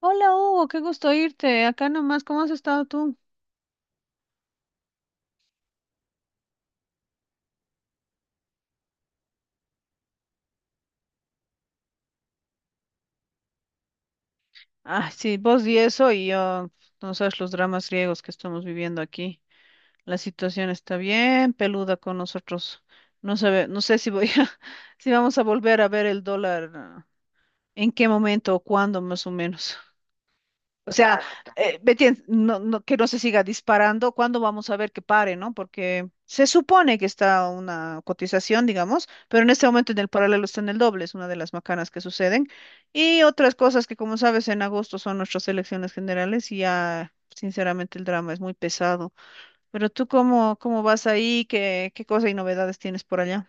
Hola Hugo, qué gusto irte acá nomás, ¿cómo has estado tú? Ah, sí, vos y eso y yo, no sabes los dramas griegos que estamos viviendo aquí. La situación está bien peluda con nosotros. No sé si voy a, si vamos a volver a ver el dólar, en qué momento o cuándo más o menos. O sea, ¿me entiendes? No, que no se siga disparando, ¿cuándo vamos a ver que pare, no? Porque se supone que está una cotización, digamos, pero en este momento en el paralelo está en el doble, es una de las macanas que suceden. Y otras cosas que, como sabes, en agosto son nuestras elecciones generales y ya, sinceramente, el drama es muy pesado. Pero tú, ¿cómo vas ahí? ¿Qué cosa y novedades tienes por allá?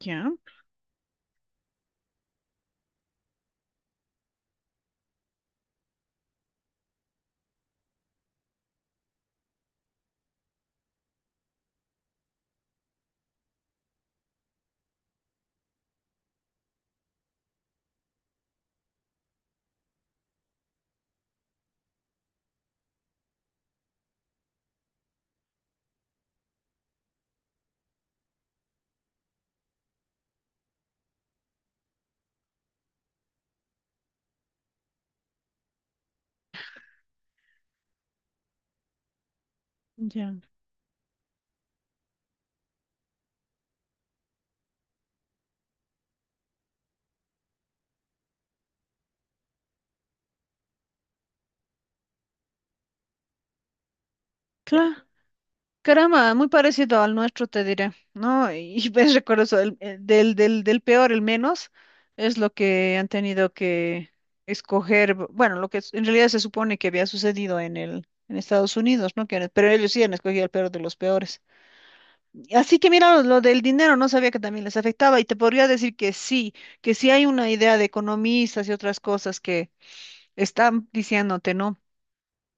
Ya, ya. Claro. Caramba, muy parecido al nuestro, te diré, ¿no? Y ves, recuerdo eso, del peor, el menos, es lo que han tenido que escoger, bueno, en realidad se supone que había sucedido en Estados Unidos, ¿no? Que, pero ellos sí han escogido el peor de los peores. Y así que mira, lo del dinero, no sabía que también les afectaba y te podría decir que sí hay una idea de economistas y otras cosas que están diciéndote, ¿no?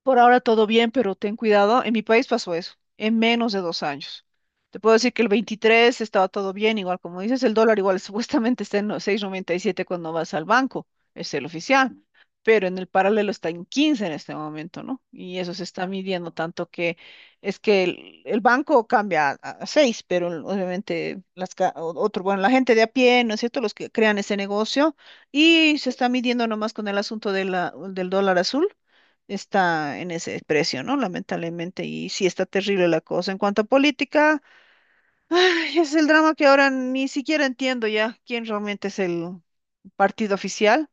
Por ahora todo bien, pero ten cuidado. En mi país pasó eso, en menos de 2 años. Te puedo decir que el 23 estaba todo bien, igual como dices, el dólar igual supuestamente está en los 7 cuando vas al banco, es el oficial, pero en el paralelo está en 15 en este momento, ¿no? Y eso se está midiendo tanto que es que el banco cambia a, 6, pero obviamente las, otro, bueno, la gente de a pie, ¿no es cierto? Los que crean ese negocio y se está midiendo nomás con el asunto de del dólar azul está en ese precio, ¿no? Lamentablemente, y sí está terrible la cosa. En cuanto a política, ay, es el drama que ahora ni siquiera entiendo ya quién realmente es el partido oficial.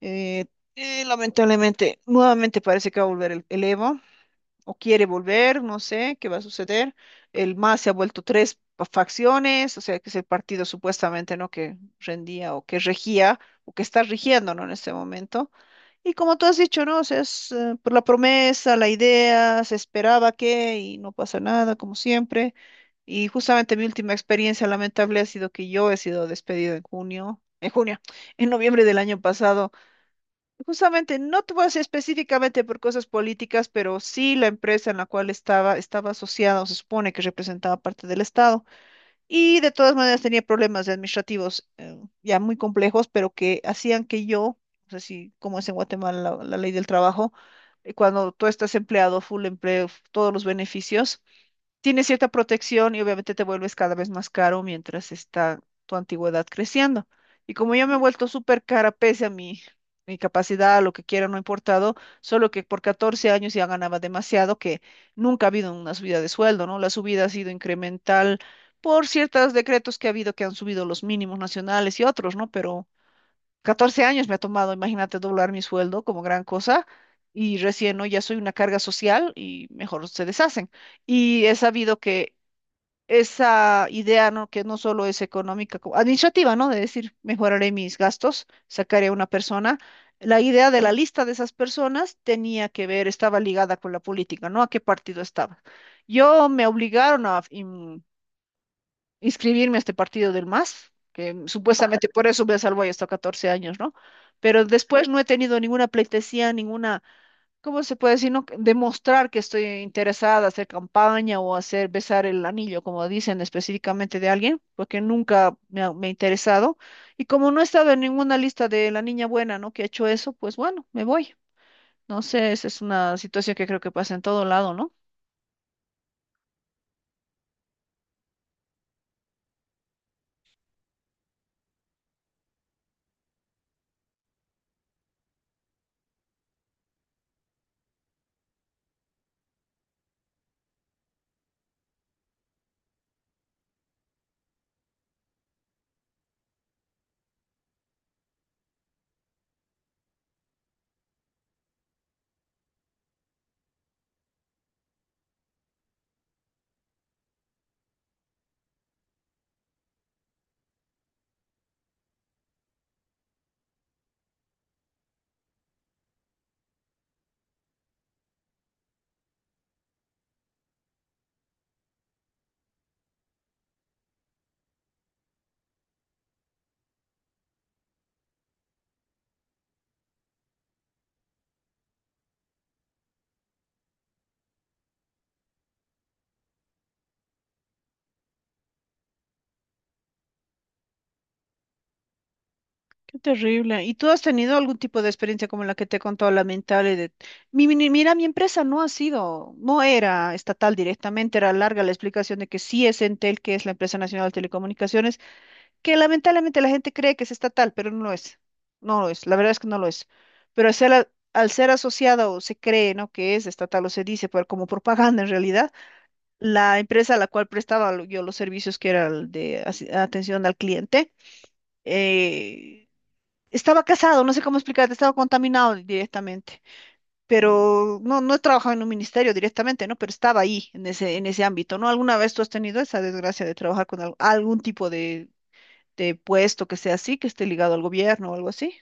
Eh, Lamentablemente, nuevamente parece que va a volver el Evo, o quiere volver, no sé qué va a suceder. El MAS se ha vuelto tres facciones, o sea, que es el partido supuestamente, ¿no? que rendía o que regía o que está rigiendo, ¿no? en este momento. Y como tú has dicho, ¿no? O sea, es por la promesa, la idea, se esperaba que y no pasa nada, como siempre. Y justamente mi última experiencia lamentable ha sido que yo he sido despedido en junio, en noviembre del año pasado. Justamente, no te voy a decir específicamente por cosas políticas, pero sí la empresa en la cual estaba, estaba asociada o se supone que representaba parte del Estado. Y de todas maneras tenía problemas administrativos ya muy complejos, pero que hacían que yo, no sé si como es en Guatemala la, ley del trabajo, cuando tú estás empleado, full empleo, todos los beneficios. Tienes cierta protección y obviamente te vuelves cada vez más caro mientras está tu antigüedad creciendo. Y como yo me he vuelto súper cara, pese a mi capacidad, lo que quiera, no ha importado, solo que por 14 años ya ganaba demasiado, que nunca ha habido una subida de sueldo, ¿no? La subida ha sido incremental por ciertos decretos que ha habido que han subido los mínimos nacionales y otros, ¿no? Pero 14 años me ha tomado, imagínate, doblar mi sueldo como gran cosa y recién, ¿no? ya soy una carga social y mejor se deshacen. Y he sabido que esa idea, ¿no? que no solo es económica, como administrativa, ¿no? De decir, mejoraré mis gastos, sacaré a una persona. La idea de la lista de esas personas tenía que ver, estaba ligada con la política, ¿no? A qué partido estaba. Yo me obligaron a, inscribirme a este partido del MAS, que supuestamente por eso me salvo ahí hasta 14 años, ¿no? Pero después no he tenido ninguna pleitesía, ninguna, ¿cómo se puede decir? ¿No? Demostrar que estoy interesada, hacer campaña o hacer besar el anillo, como dicen específicamente de alguien, porque nunca me ha interesado. Y como no he estado en ninguna lista de la niña buena, ¿no? Que ha hecho eso, pues bueno, me voy. No sé, esa es una situación que creo que pasa en todo lado, ¿no? Qué terrible. ¿Y tú has tenido algún tipo de experiencia como la que te he contado, lamentable? De... mira, mi empresa no ha sido, no era estatal directamente, era larga la explicación de que sí es Entel, que es la empresa nacional de telecomunicaciones, que lamentablemente la gente cree que es estatal, pero no lo es. No lo es, la verdad es que no lo es. Pero al ser asociada o se cree, ¿no? que es estatal o se dice, pero como propaganda en realidad, la empresa a la cual prestaba yo los servicios, que era el de atención al cliente, eh, estaba casado, no sé cómo explicarte, estaba contaminado directamente, pero no, no he trabajado en un ministerio directamente, ¿no? Pero estaba ahí, en ese, ámbito, ¿no? ¿Alguna vez tú has tenido esa desgracia de trabajar con algún tipo de puesto que sea así, que esté ligado al gobierno o algo así?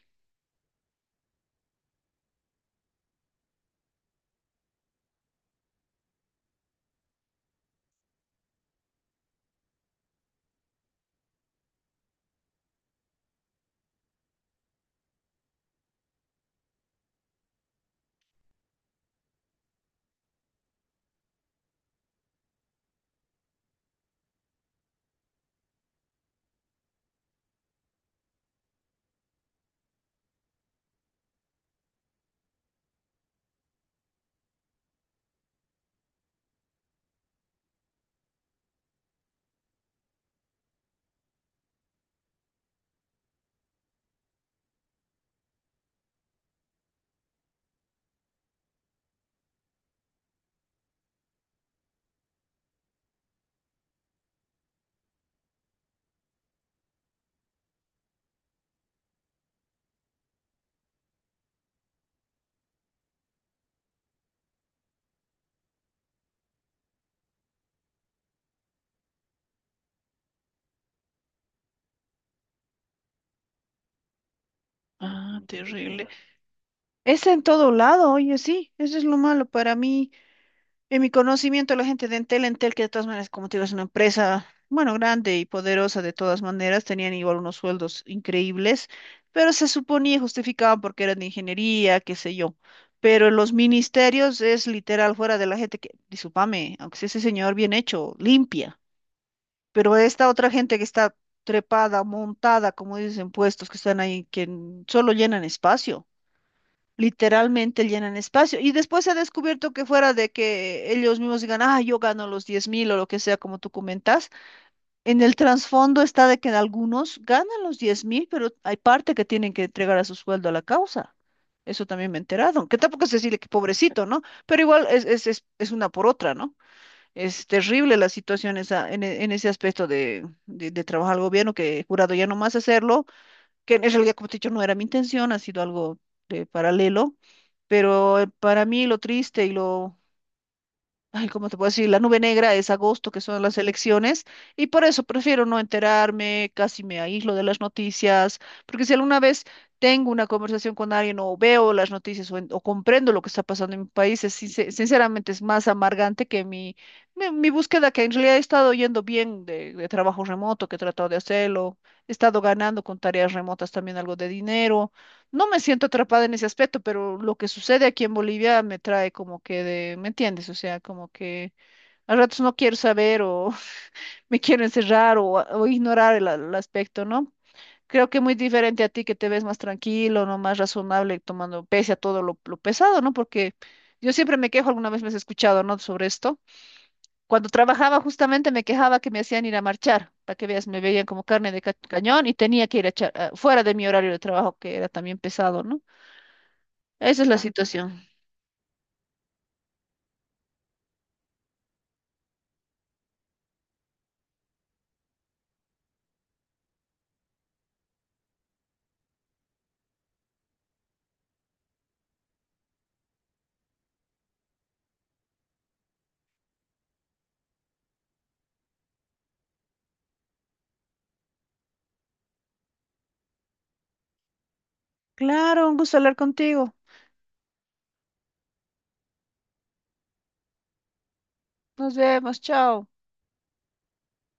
Ah, terrible. Es en todo lado, oye, sí, eso es lo malo para mí. En mi conocimiento, la gente de Entel, que de todas maneras, como te digo, es una empresa, bueno, grande y poderosa de todas maneras, tenían igual unos sueldos increíbles, pero se suponía y justificaban porque eran de ingeniería, qué sé yo. Pero los ministerios es literal fuera de la gente que, discúlpame, aunque sea ese señor bien hecho, limpia, pero esta otra gente que está trepada, montada, como dicen, puestos que están ahí, que solo llenan espacio literalmente llenan espacio. Y después se ha descubierto que fuera de que ellos mismos digan, ah, yo gano los 10.000 o lo que sea, como tú comentas, en el trasfondo está de que algunos ganan los 10.000, pero hay parte que tienen que entregar a su sueldo a la causa. Eso también me he enterado, aunque tampoco es decirle que pobrecito, ¿no? Pero igual es, es una por otra, ¿no? Es terrible la situación en, en ese aspecto de, de trabajar al gobierno, que el jurado ya no más hacerlo, que en realidad, como te he dicho, no era mi intención, ha sido algo de paralelo, pero para mí lo triste y lo ay, ¿cómo te puedo decir? La nube negra es agosto, que son las elecciones, y por eso prefiero no enterarme, casi me aíslo de las noticias, porque si alguna vez tengo una conversación con alguien o veo las noticias o comprendo lo que está pasando en mi país, es, sinceramente es más amargante que mi, mi búsqueda, que en realidad he estado yendo bien de, trabajo remoto, que he tratado de hacerlo, he estado ganando con tareas remotas también algo de dinero. No me siento atrapada en ese aspecto, pero lo que sucede aquí en Bolivia me trae como que de, ¿me entiendes? O sea, como que a ratos no quiero saber o me quiero encerrar o ignorar el, aspecto, ¿no? Creo que muy diferente a ti que te ves más tranquilo, ¿no? Más razonable, tomando pese a todo lo pesado, ¿no? Porque yo siempre me quejo, alguna vez me has escuchado, ¿no? Sobre esto. Cuando trabajaba justamente me quejaba que me hacían ir a marchar, para que veas, me veían como carne de cañón y tenía que ir a echar, fuera de mi horario de trabajo, que era también pesado, ¿no? Esa es la situación. Claro, un gusto hablar contigo. Nos vemos, chao.